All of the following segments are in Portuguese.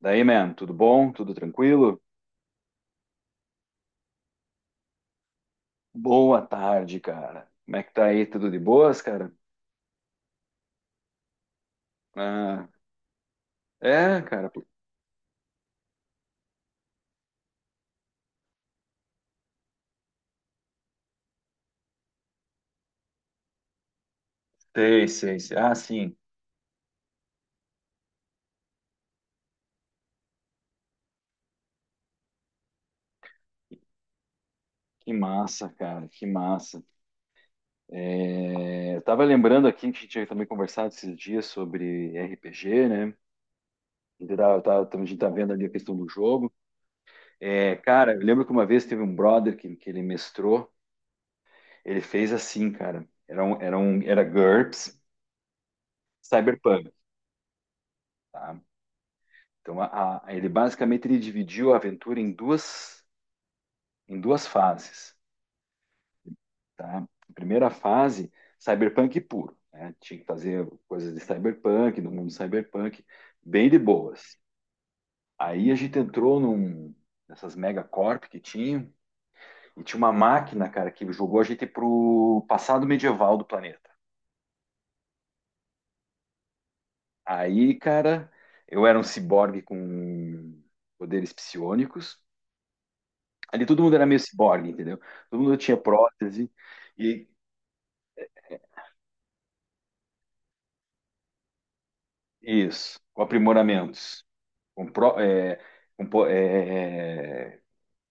Daí, man, tudo bom? Tudo tranquilo? Boa tarde, cara. Como é que tá aí? Tudo de boas, cara? Ah, é, cara. Pô. Sei, sei, sei. Ah, sim. Que massa, cara. Que massa. É, eu tava lembrando aqui que a gente tinha também conversado esses dias sobre RPG, né? A gente tá vendo ali a questão do jogo. É, cara, eu lembro que uma vez teve um brother que ele mestrou. Ele fez assim, cara. Era GURPS, Cyberpunk. Tá? Então, ele basicamente ele dividiu a aventura em duas fases, tá? A primeira fase, cyberpunk puro, né? Tinha que fazer coisas de cyberpunk, do mundo cyberpunk, bem de boas. Aí a gente entrou num, Nessas megacorp que tinha, e tinha uma máquina, cara, que jogou a gente pro passado medieval do planeta. Aí, cara, eu era um ciborgue com poderes psionicos. Ali todo mundo era meio ciborgue, entendeu? Todo mundo tinha prótese e isso, com aprimoramentos, com, pró- é, com, po- é, é,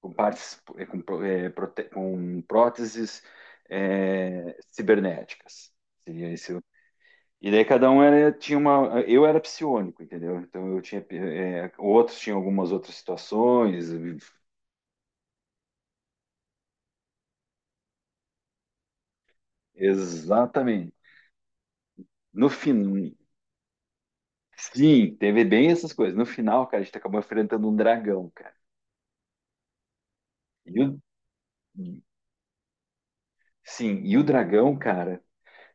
com partes, é, com, pró- é, prote- com próteses é, cibernéticas. Seria esse o- E daí cada um era, tinha uma. Eu era psiônico, entendeu? Então eu tinha. É, outros tinham algumas outras situações. Exatamente. No fim, sim, teve bem essas coisas. No final, cara, a gente acabou enfrentando um dragão, cara. E o, sim, e o dragão, cara,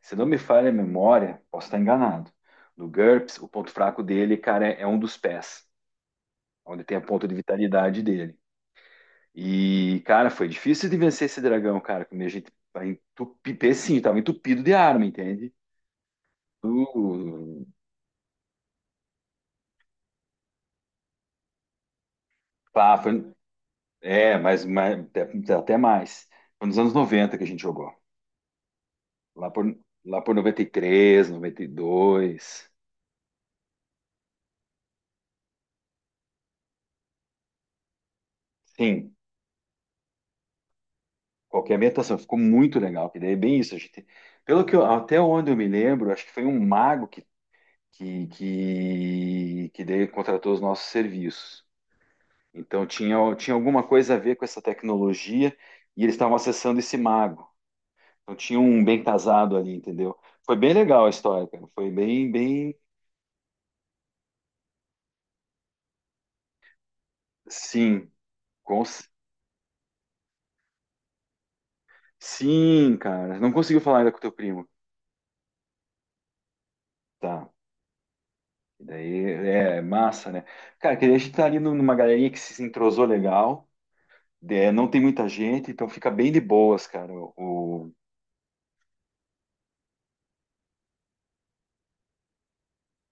se não me falha a memória, posso estar enganado. No GURPS, o ponto fraco dele, cara, é um dos pés, onde tem a ponta de vitalidade dele. E, cara, foi difícil de vencer esse dragão, cara, que a gente vai entupir, sim, tava entupido de arma, entende? Uh, Pá, foi, é, mas até, até mais. Foi nos anos 90 que a gente jogou. Lá por, lá por 90, 93, 92. Sim, qualquer ambientação, ficou muito legal, que daí é bem isso. A gente, pelo que eu- até onde eu me lembro, acho que foi um mago que, que daí contratou os nossos serviços. Então tinha, tinha alguma coisa a ver com essa tecnologia e eles estavam acessando esse mago. Então tinha um bem casado ali, entendeu? Foi bem legal a história, cara. Foi bem, bem. Sim, cons- sim, cara. Não conseguiu falar ainda com o teu primo. Tá. E daí é massa, né? Cara, que daí a gente tá numa galerinha que se entrosou legal. É, não tem muita gente, então fica bem de boas, cara. O,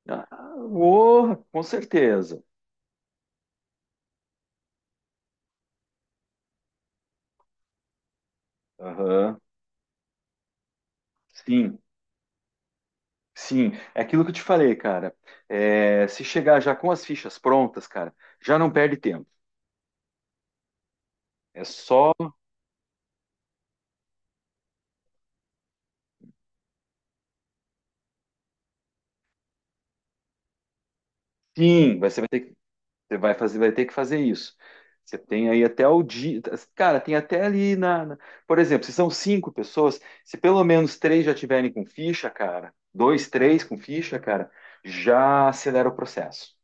ah, com certeza. Aham. Sim, sim. É aquilo que eu te falei, cara. É, se chegar já com as fichas prontas, cara, já não perde tempo. É só. Sim, você vai ter que, você vai fazer, vai ter que fazer isso. Você tem aí até o dia. Cara, tem até ali por exemplo, se são cinco pessoas, se pelo menos três já tiverem com ficha, cara, dois, três com ficha, cara, já acelera o processo.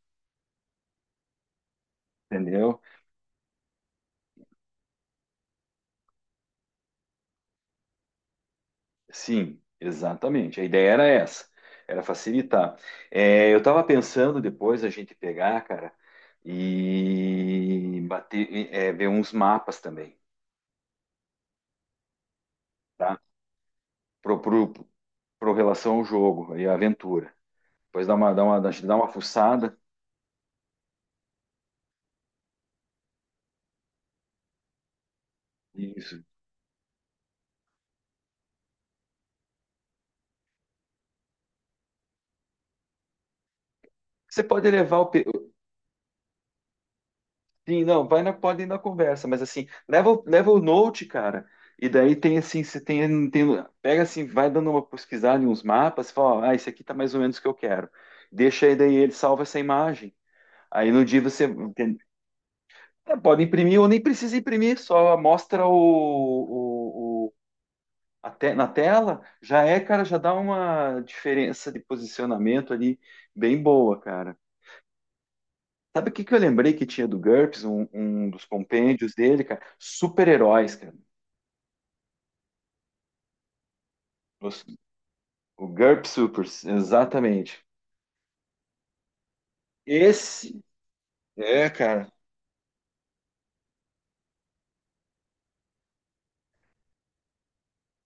Entendeu? Sim, exatamente. A ideia era essa, era facilitar. É, eu estava pensando depois a gente pegar, cara, e bater, e, é, ver uns mapas também, tá? Pro, pro, pro relação ao jogo e à aventura. Depois dá uma, dá uma, dá uma fuçada. Isso. Você pode levar o, sim, não, vai na, pode ir na conversa, mas assim, leva, leva o note, cara, e daí tem assim, você tem, tem, pega assim, vai dando uma pesquisada em uns mapas, fala, ó, ah, esse aqui tá mais ou menos o que eu quero. Deixa aí, daí ele salva essa imagem. Aí no dia você entende? É, pode imprimir ou nem precisa imprimir, só mostra na tela, já é, cara, já dá uma diferença de posicionamento ali bem boa, cara. Sabe o que que eu lembrei que tinha do GURPS, um dos compêndios dele, cara? Super-heróis, cara. Os- O GURPS Super, exatamente. Esse, é, cara.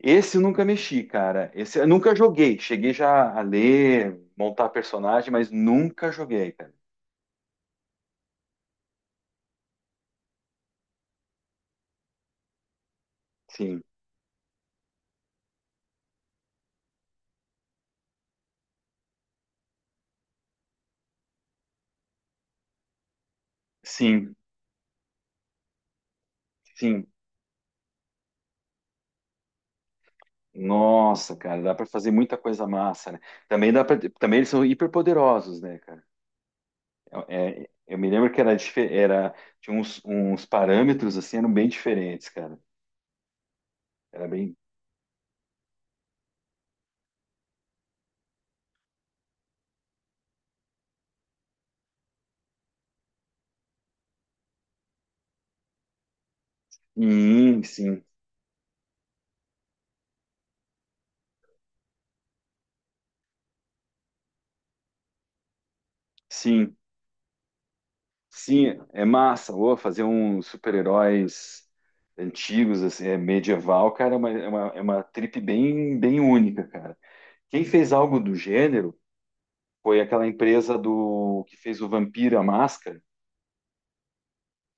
Esse eu nunca mexi, cara. Esse eu nunca joguei. Cheguei já a ler, montar personagem, mas nunca joguei, cara. Sim, sim, sim. Nossa, cara, dá pra fazer muita coisa massa, né? Também dá para, também eles são hiperpoderosos, né, cara? É, é, eu me lembro que era, era tinha uns, uns parâmetros assim, eram bem diferentes, cara. Era bem. Sim, sim, sim, é massa. Ô, fazer uns super-heróis antigos, assim, é medieval, cara, é uma trip bem, bem única, cara. Quem fez algo do gênero foi aquela empresa do que fez o Vampiro à Máscara.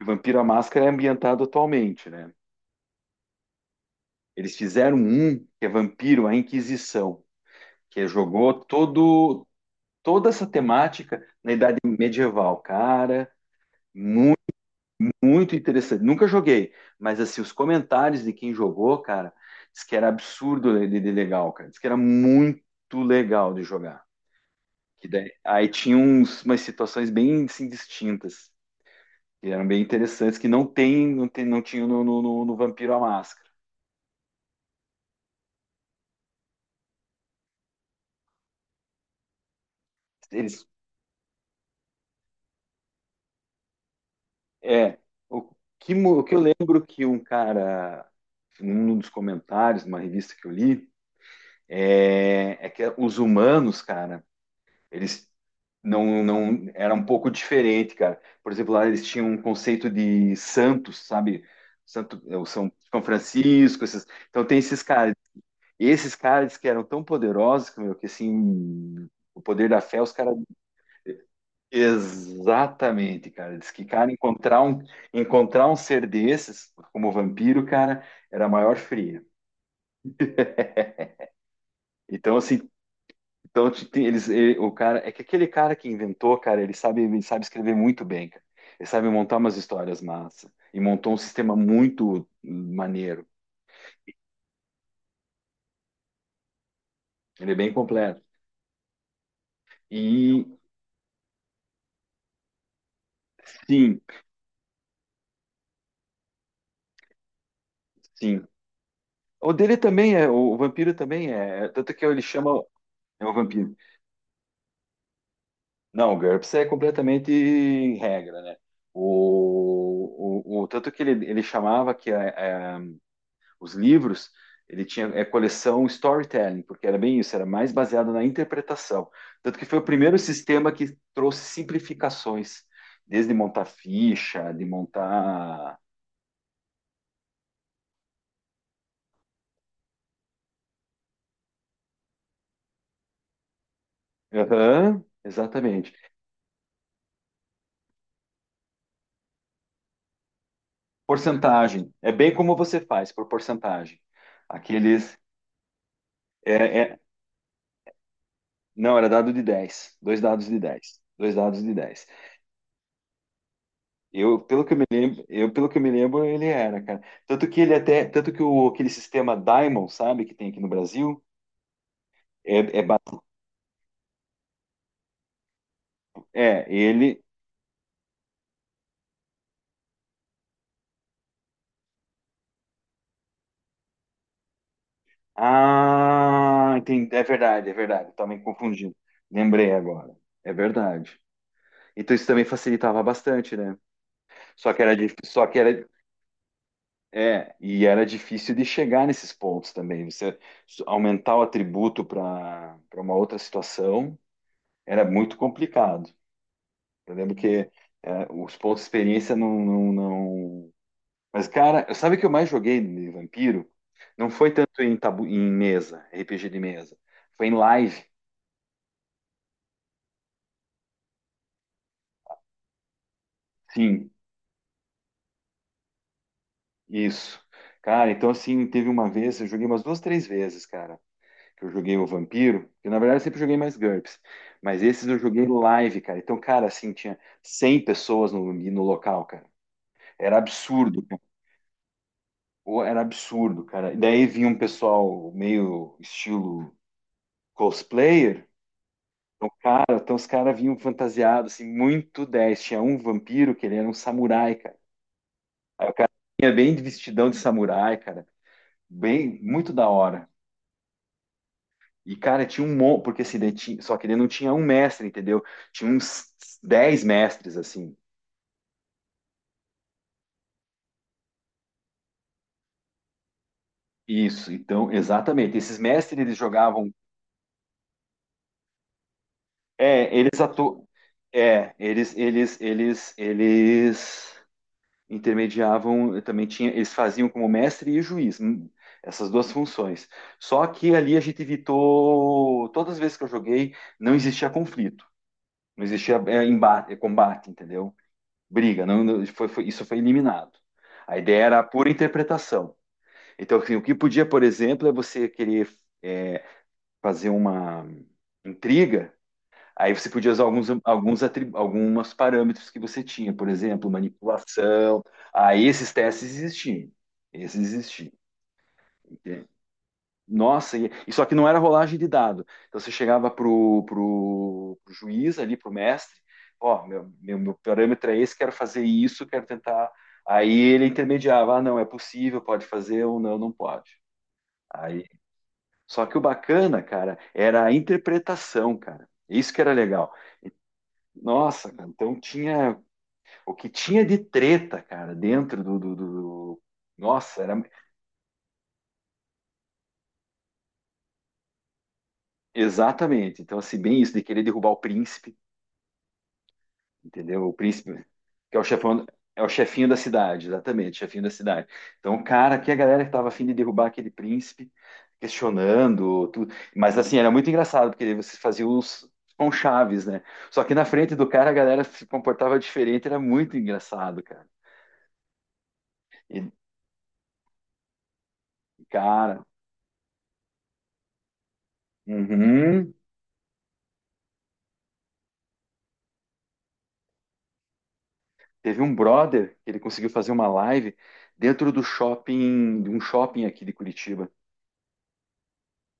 O Vampiro à Máscara é ambientado atualmente, né? Eles fizeram um que é Vampiro à Inquisição, que jogou todo toda essa temática na Idade Medieval, cara, muito interessante. Nunca joguei, mas assim, os comentários de quem jogou, cara, diz que era absurdo de legal, cara. Diz que era muito legal de jogar. Aí tinha uns, umas situações bem assim, distintas, que eram bem interessantes, que não tem, não tinha no Vampiro à Máscara. Eles, é, o o que eu lembro que um cara, num dos comentários, numa revista que eu li, é que os humanos, cara, eles não, não era um pouco diferente, cara. Por exemplo, lá eles tinham um conceito de santos, sabe? Santo, é, o São, São Francisco, esses, então tem esses caras. Esses caras que eram tão poderosos, meu, que assim, o poder da fé, os caras exatamente, cara, diz que cara encontrar um ser desses como vampiro, cara, era a maior fria. Então assim, então, eles, o cara, é que aquele cara que inventou, cara, ele sabe escrever muito bem, cara. Ele sabe montar umas histórias massa e montou um sistema muito maneiro. Ele é bem completo. E sim, sim. O dele também é, o, vampiro também é, é, tanto que ele chama é o vampiro. Não, o GURPS é completamente regra, né? Tanto que ele chamava que a, os livros, ele tinha é coleção storytelling, porque era bem isso, era mais baseado na interpretação. Tanto que foi o primeiro sistema que trouxe simplificações, desde montar ficha, de montar. Aham, exatamente. Porcentagem. É bem como você faz, por porcentagem. Aqueles. É, é... Não, era dado de 10. Dois dados de 10. Dois dados de dez. Eu, pelo que eu me lembro, eu, pelo que eu me lembro, ele era, cara. Tanto que ele até, tanto que o, aquele sistema Diamond, sabe, que tem aqui no Brasil, é, é, ba- ele. Ah, entendi, é verdade, é verdade. Estava me confundindo. Lembrei agora. É verdade. Então isso também facilitava bastante, né? Só que era, só que era, é, e era difícil de chegar nesses pontos também. Você aumentar o atributo para para uma outra situação era muito complicado. Eu lembro que é, os pontos de experiência mas, cara, sabe o que eu mais joguei de vampiro? Não foi tanto em, tabu... em mesa, RPG de mesa. Foi em live, sim, isso. Cara, então, assim, teve uma vez, eu joguei umas duas, três vezes, cara, que eu joguei o vampiro, que na verdade eu sempre joguei mais GURPS, mas esses eu joguei live, cara. Então, cara, assim, tinha 100 pessoas no local, cara. Era absurdo, cara. Pô, era absurdo, cara. E daí vinha um pessoal meio estilo cosplayer. Então, cara, então os caras vinham fantasiados, assim, muito 10. Tinha um vampiro que ele era um samurai, cara. Tinha bem de vestidão de samurai, cara. Bem, muito da hora. E, cara, tinha um monte, porque assim, só que ele não tinha um mestre, entendeu? Tinha uns 10 mestres, assim. Isso, então, exatamente. Esses mestres, eles jogavam. É, eles atu... É, eles intermediavam, eh, também tinha, eles faziam como mestre e juiz, essas duas funções. Só que ali a gente evitou, todas as vezes que eu joguei, não existia conflito, não existia é, embate, eh, combate, entendeu? Briga, não, isso foi eliminado. A ideia era a pura interpretação. Então, assim, o que podia, por exemplo, é você querer é, fazer uma intriga. Aí você podia usar alguns, algumas parâmetros que você tinha, por exemplo, manipulação. Aí esses testes existiam. Esses existiam. Entende? Nossa, e só que não era rolagem de dado. Então você chegava pro juiz ali, pro mestre, ó, meu parâmetro é esse, quero fazer isso, quero tentar. Aí ele intermediava, ah, não, é possível, pode fazer ou não, não pode. Aí, só que o bacana, cara, era a interpretação, cara. Isso que era legal. Nossa, cara, então tinha o que tinha de treta, cara, dentro nossa, era. Exatamente. Então, assim, bem isso, de querer derrubar o príncipe, entendeu? O príncipe, que é o chefão, é o chefinho da cidade, exatamente, chefinho da cidade. Então, cara, que a galera que tava afim de derrubar aquele príncipe, questionando, tudo. Mas, assim, era muito engraçado, porque vocês faziam uns. Com chaves, né? Só que na frente do cara a galera se comportava diferente, era muito engraçado, cara. E, cara, uhum. Teve um brother que ele conseguiu fazer uma live dentro do shopping, de um shopping aqui de Curitiba.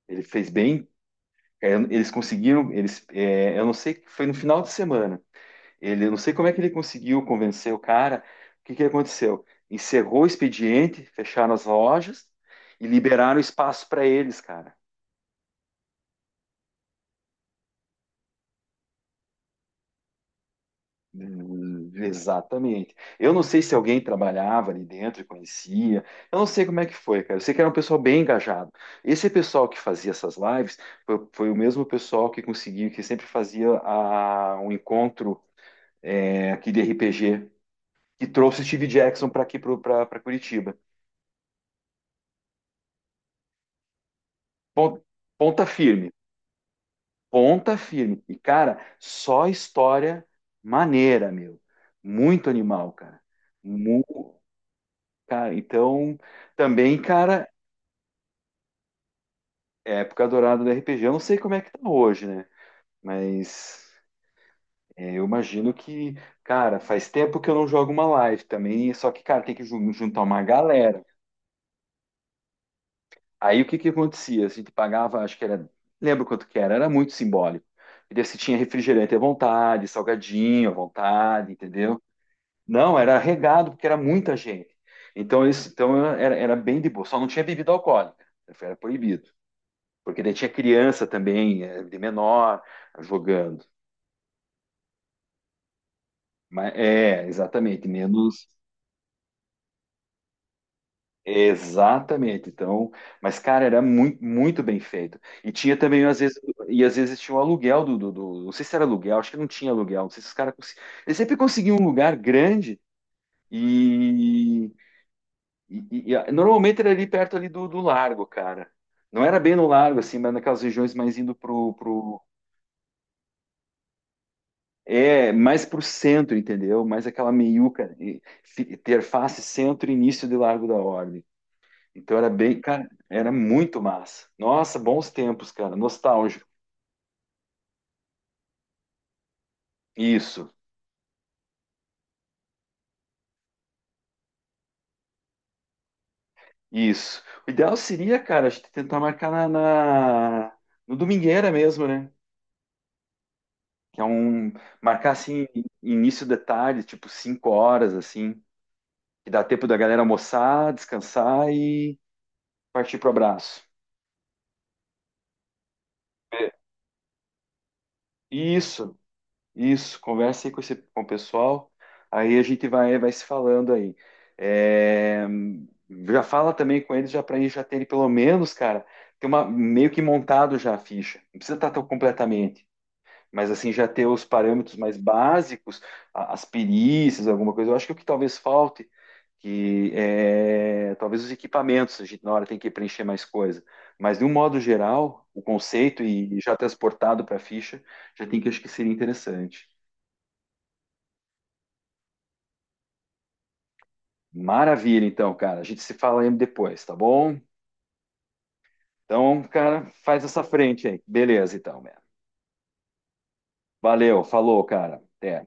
Ele fez bem, é, eles conseguiram, eles, é, eu não sei, foi no final de semana. Ele, eu não sei como é que ele conseguiu convencer o cara. O que que aconteceu? Encerrou o expediente, fecharam as lojas e liberaram espaço para eles, cara. Exatamente. Eu não sei se alguém trabalhava ali dentro e conhecia. Eu não sei como é que foi, cara. Eu sei que era um pessoal bem engajado. Esse pessoal que fazia essas lives foi, foi o mesmo pessoal que conseguiu, que sempre fazia a, um encontro aqui de RPG, que trouxe o Steve Jackson para aqui, para Curitiba. Pon- Ponta firme, ponta firme. E, cara, só história maneira, meu. Muito animal, cara. Muito, cara. Então. Também, cara, é a época dourada do RPG. Eu não sei como é que tá hoje, né? Mas é, eu imagino que, cara, faz tempo que eu não jogo uma live também, só que, cara, tem que juntar uma galera. Aí o que que acontecia? A gente pagava, acho que era, lembro quanto que era, era muito simbólico. E daí você tinha refrigerante à vontade, salgadinho à vontade, entendeu? Não, era regado, porque era muita gente. Então, isso, então era, era bem de boa, só não tinha bebida alcoólica, era proibido. Porque daí tinha criança também, de menor, jogando. Mas, é, exatamente, menos. Exatamente. Então, mas, cara, era muito, muito bem feito. E tinha também, às vezes, e às vezes tinha o aluguel não sei se era aluguel, acho que não tinha aluguel. Não sei se os caras. Cons... Eles sempre conseguiam um lugar grande e, normalmente era ali perto ali do, do largo, cara. Não era bem no largo, assim, mas naquelas regiões mais indo pro, pro... É, mais pro centro, entendeu? Mais aquela meiuca, interface centro-início de Largo da Ordem. Então era bem, cara, era muito massa. Nossa, bons tempos, cara, nostálgico. Isso, isso. O ideal seria, cara, a gente tentar marcar no domingueira mesmo, né? Que é um marcar assim início de tarde, tipo 5 horas assim, que dá tempo da galera almoçar, descansar e partir pro abraço. Isso. Isso, conversa aí com, esse, com o pessoal. Aí a gente vai, vai se falando aí. É, já fala também com eles já para gente já terem pelo menos, cara, ter uma meio que montado já a ficha. Não precisa estar tão completamente, mas assim já ter os parâmetros mais básicos, as perícias, alguma coisa. Eu acho que o que talvez falte que é, talvez os equipamentos a gente na hora tem que preencher mais coisa, mas de um modo geral, o conceito e já transportado para a ficha já tem que acho que seria interessante. Maravilha, então, cara. A gente se fala aí depois, tá bom? Então, cara, faz essa frente aí. Beleza, então, man. Valeu, falou, cara. Até.